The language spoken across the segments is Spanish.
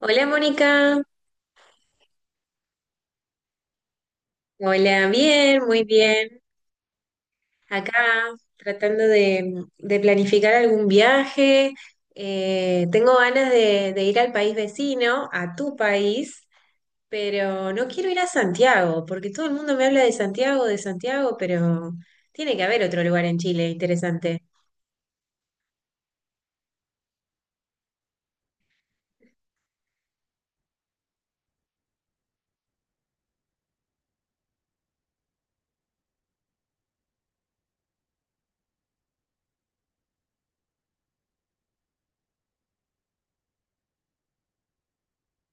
Hola Mónica, hola, bien, muy bien. Acá tratando de planificar algún viaje. Tengo ganas de ir al país vecino, a tu país, pero no quiero ir a Santiago, porque todo el mundo me habla de Santiago, pero tiene que haber otro lugar en Chile interesante.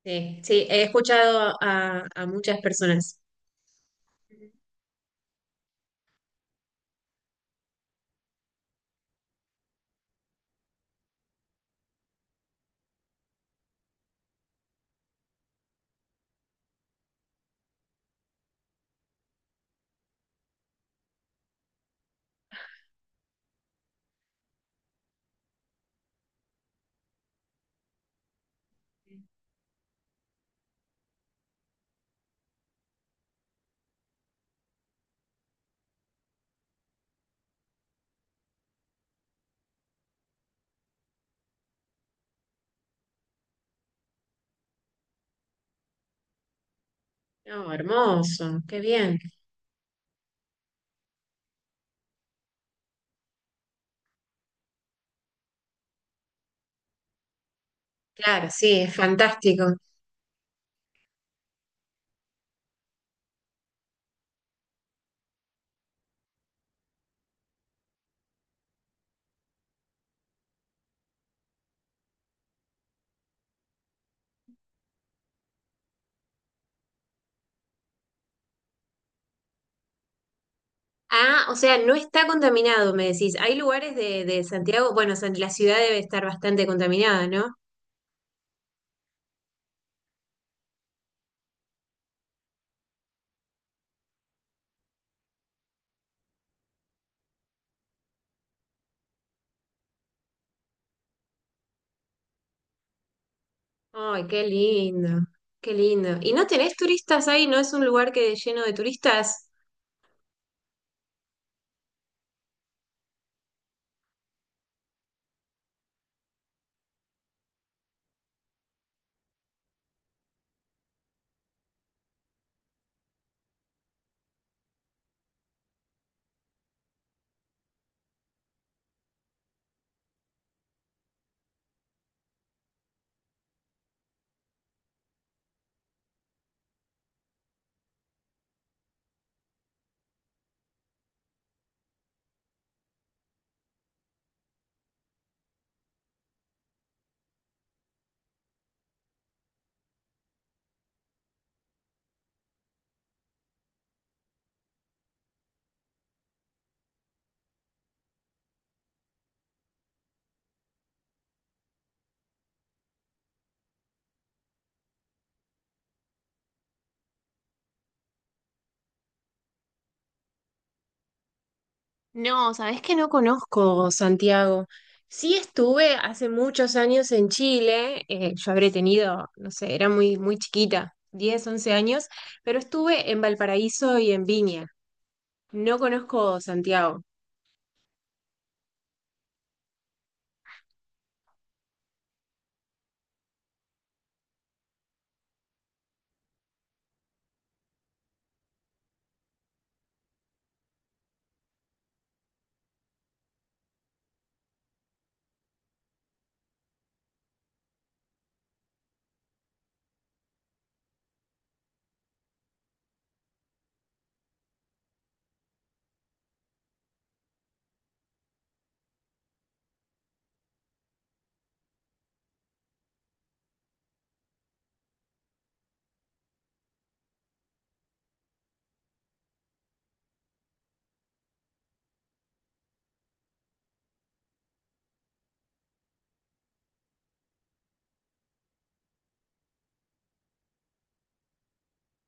Sí, sí, he escuchado a muchas personas. No, hermoso, qué bien. Claro, sí, es fantástico. Ah, o sea, no está contaminado, me decís. Hay lugares de Santiago, bueno, la ciudad debe estar bastante contaminada, ¿no? Ay, qué lindo, qué lindo. ¿Y no tenés turistas ahí? ¿No es un lugar que lleno de turistas? No, sabés que no conozco Santiago. Sí estuve hace muchos años en Chile, yo habré tenido, no sé, era muy, muy chiquita, 10, 11 años, pero estuve en Valparaíso y en Viña. No conozco Santiago.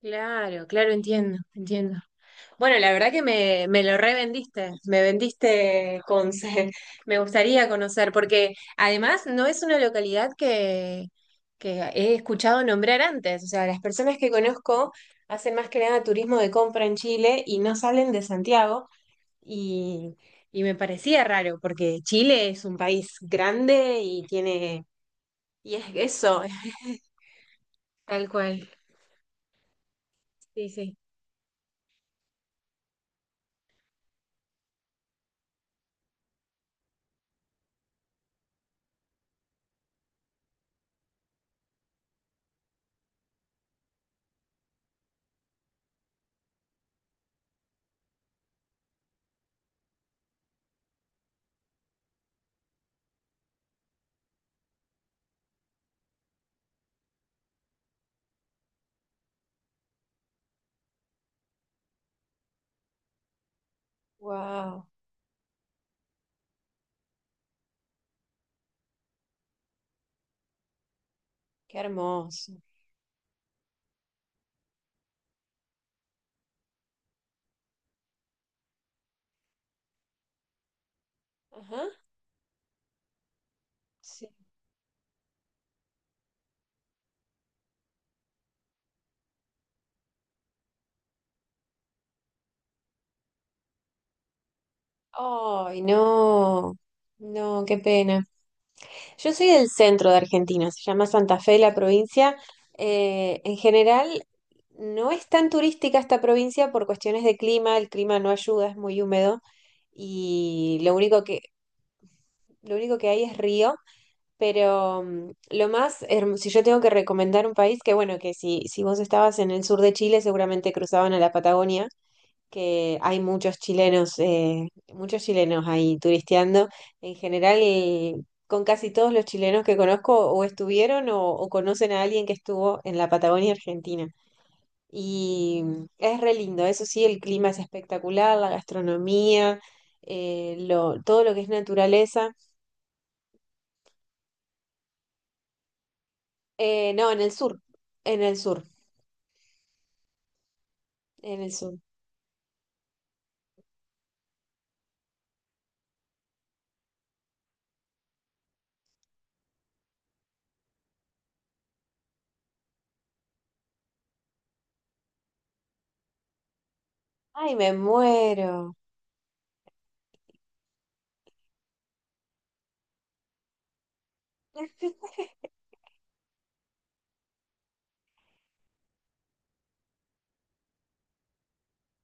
Claro, claro, entiendo, entiendo. Bueno, la verdad que me lo revendiste, me vendiste con... Me gustaría conocer, porque además no es una localidad que he escuchado nombrar antes. O sea, las personas que conozco hacen más que nada turismo de compra en Chile y no salen de Santiago. Y, y me parecía raro, porque Chile es un país grande y tiene... Y es eso, es tal cual. Sí, sí. Wow, qué hermoso. Ajá. Ay, no, no, qué pena. Yo soy del centro de Argentina, se llama Santa Fe la provincia. En general, no es tan turística esta provincia por cuestiones de clima, el clima no ayuda, es muy húmedo y lo único que hay es río, pero mm, lo más hermoso, si yo tengo que recomendar un país, que bueno, que si, si vos estabas en el sur de Chile, seguramente cruzaban a la Patagonia que hay muchos chilenos ahí turisteando. En general, con casi todos los chilenos que conozco o estuvieron o conocen a alguien que estuvo en la Patagonia Argentina. Y es re lindo, eso sí, el clima es espectacular, la gastronomía, todo lo que es naturaleza. No, en el sur, en el sur, en el sur. Ay, me muero.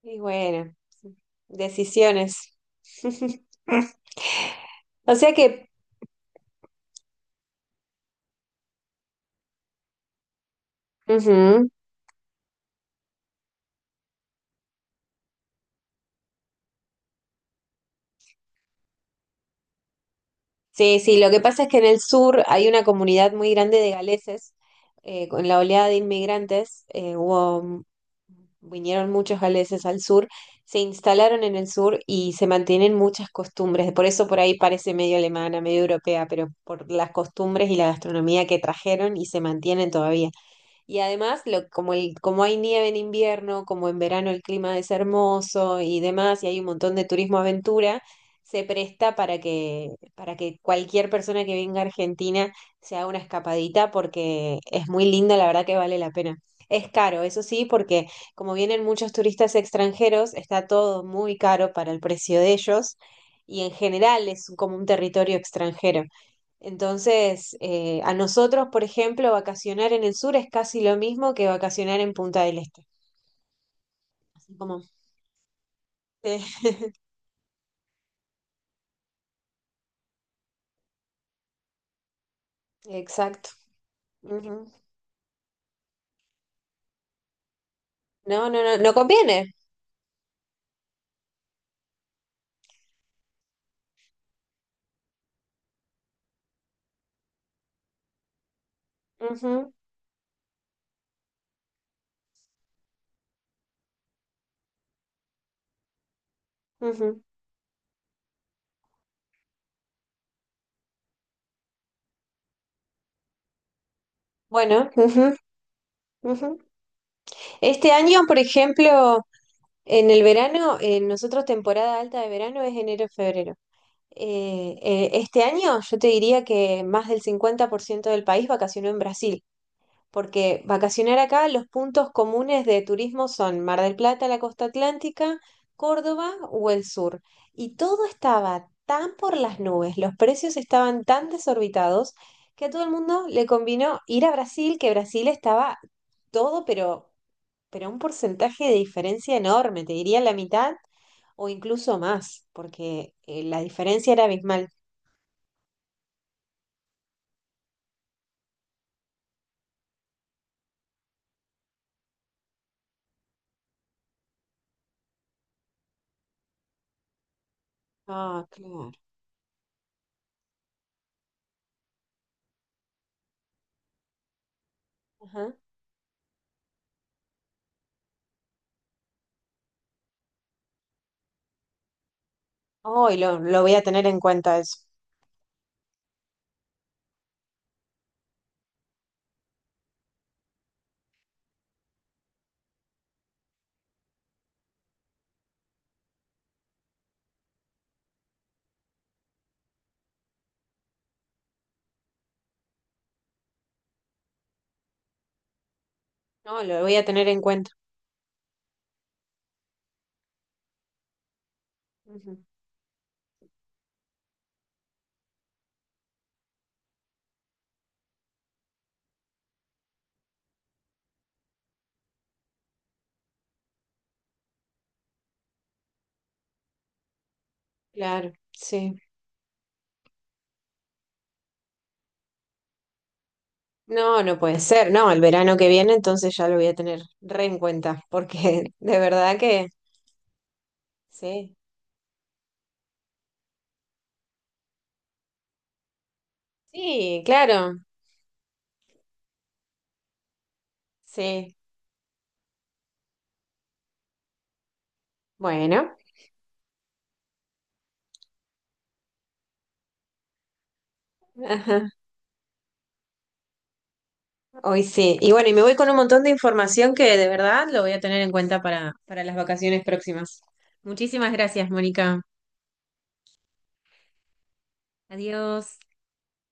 Y bueno, decisiones. O sea que, ujú, sí, sí, lo que pasa es que en el sur hay una comunidad muy grande de galeses. Con la oleada de inmigrantes, hubo, mm, vinieron muchos galeses al sur, se instalaron en el sur y se mantienen muchas costumbres. Por eso por ahí parece medio alemana, medio europea, pero por las costumbres y la gastronomía que trajeron y se mantienen todavía. Y además, como hay nieve en invierno, como en verano el clima es hermoso y demás, y hay un montón de turismo aventura, se presta para que cualquier persona que venga a Argentina se haga una escapadita porque es muy lindo, la verdad que vale la pena. Es caro, eso sí, porque como vienen muchos turistas extranjeros, está todo muy caro para el precio de ellos y en general es como un territorio extranjero. Entonces, a nosotros, por ejemplo, vacacionar en el sur es casi lo mismo que vacacionar en Punta del Este. Así como, eh, exacto. Ujú. No, no, no, no conviene. Ujú, ujú. Bueno, ujú, ujú. Este año, por ejemplo, en el verano, nosotros temporada alta de verano es enero-febrero. Este año yo te diría que más del 50% del país vacacionó en Brasil. Porque vacacionar acá, los puntos comunes de turismo son Mar del Plata, la costa atlántica, Córdoba o el sur. Y todo estaba tan por las nubes, los precios estaban tan desorbitados que a todo el mundo le convino ir a Brasil, que Brasil estaba todo, pero un porcentaje de diferencia enorme, te diría la mitad o incluso más, porque la diferencia era abismal. Ah, claro. Ajá. Oh, lo voy a tener en cuenta eso. No, lo voy a tener en cuenta. Ujú, claro, sí. No, no puede ser, no, el verano que viene entonces ya lo voy a tener re en cuenta, porque de verdad que sí, sí, claro, sí, bueno, ajá, hoy sí. Y bueno, y me voy con un montón de información que de verdad lo voy a tener en cuenta para las vacaciones próximas. Muchísimas gracias, Mónica. Adiós.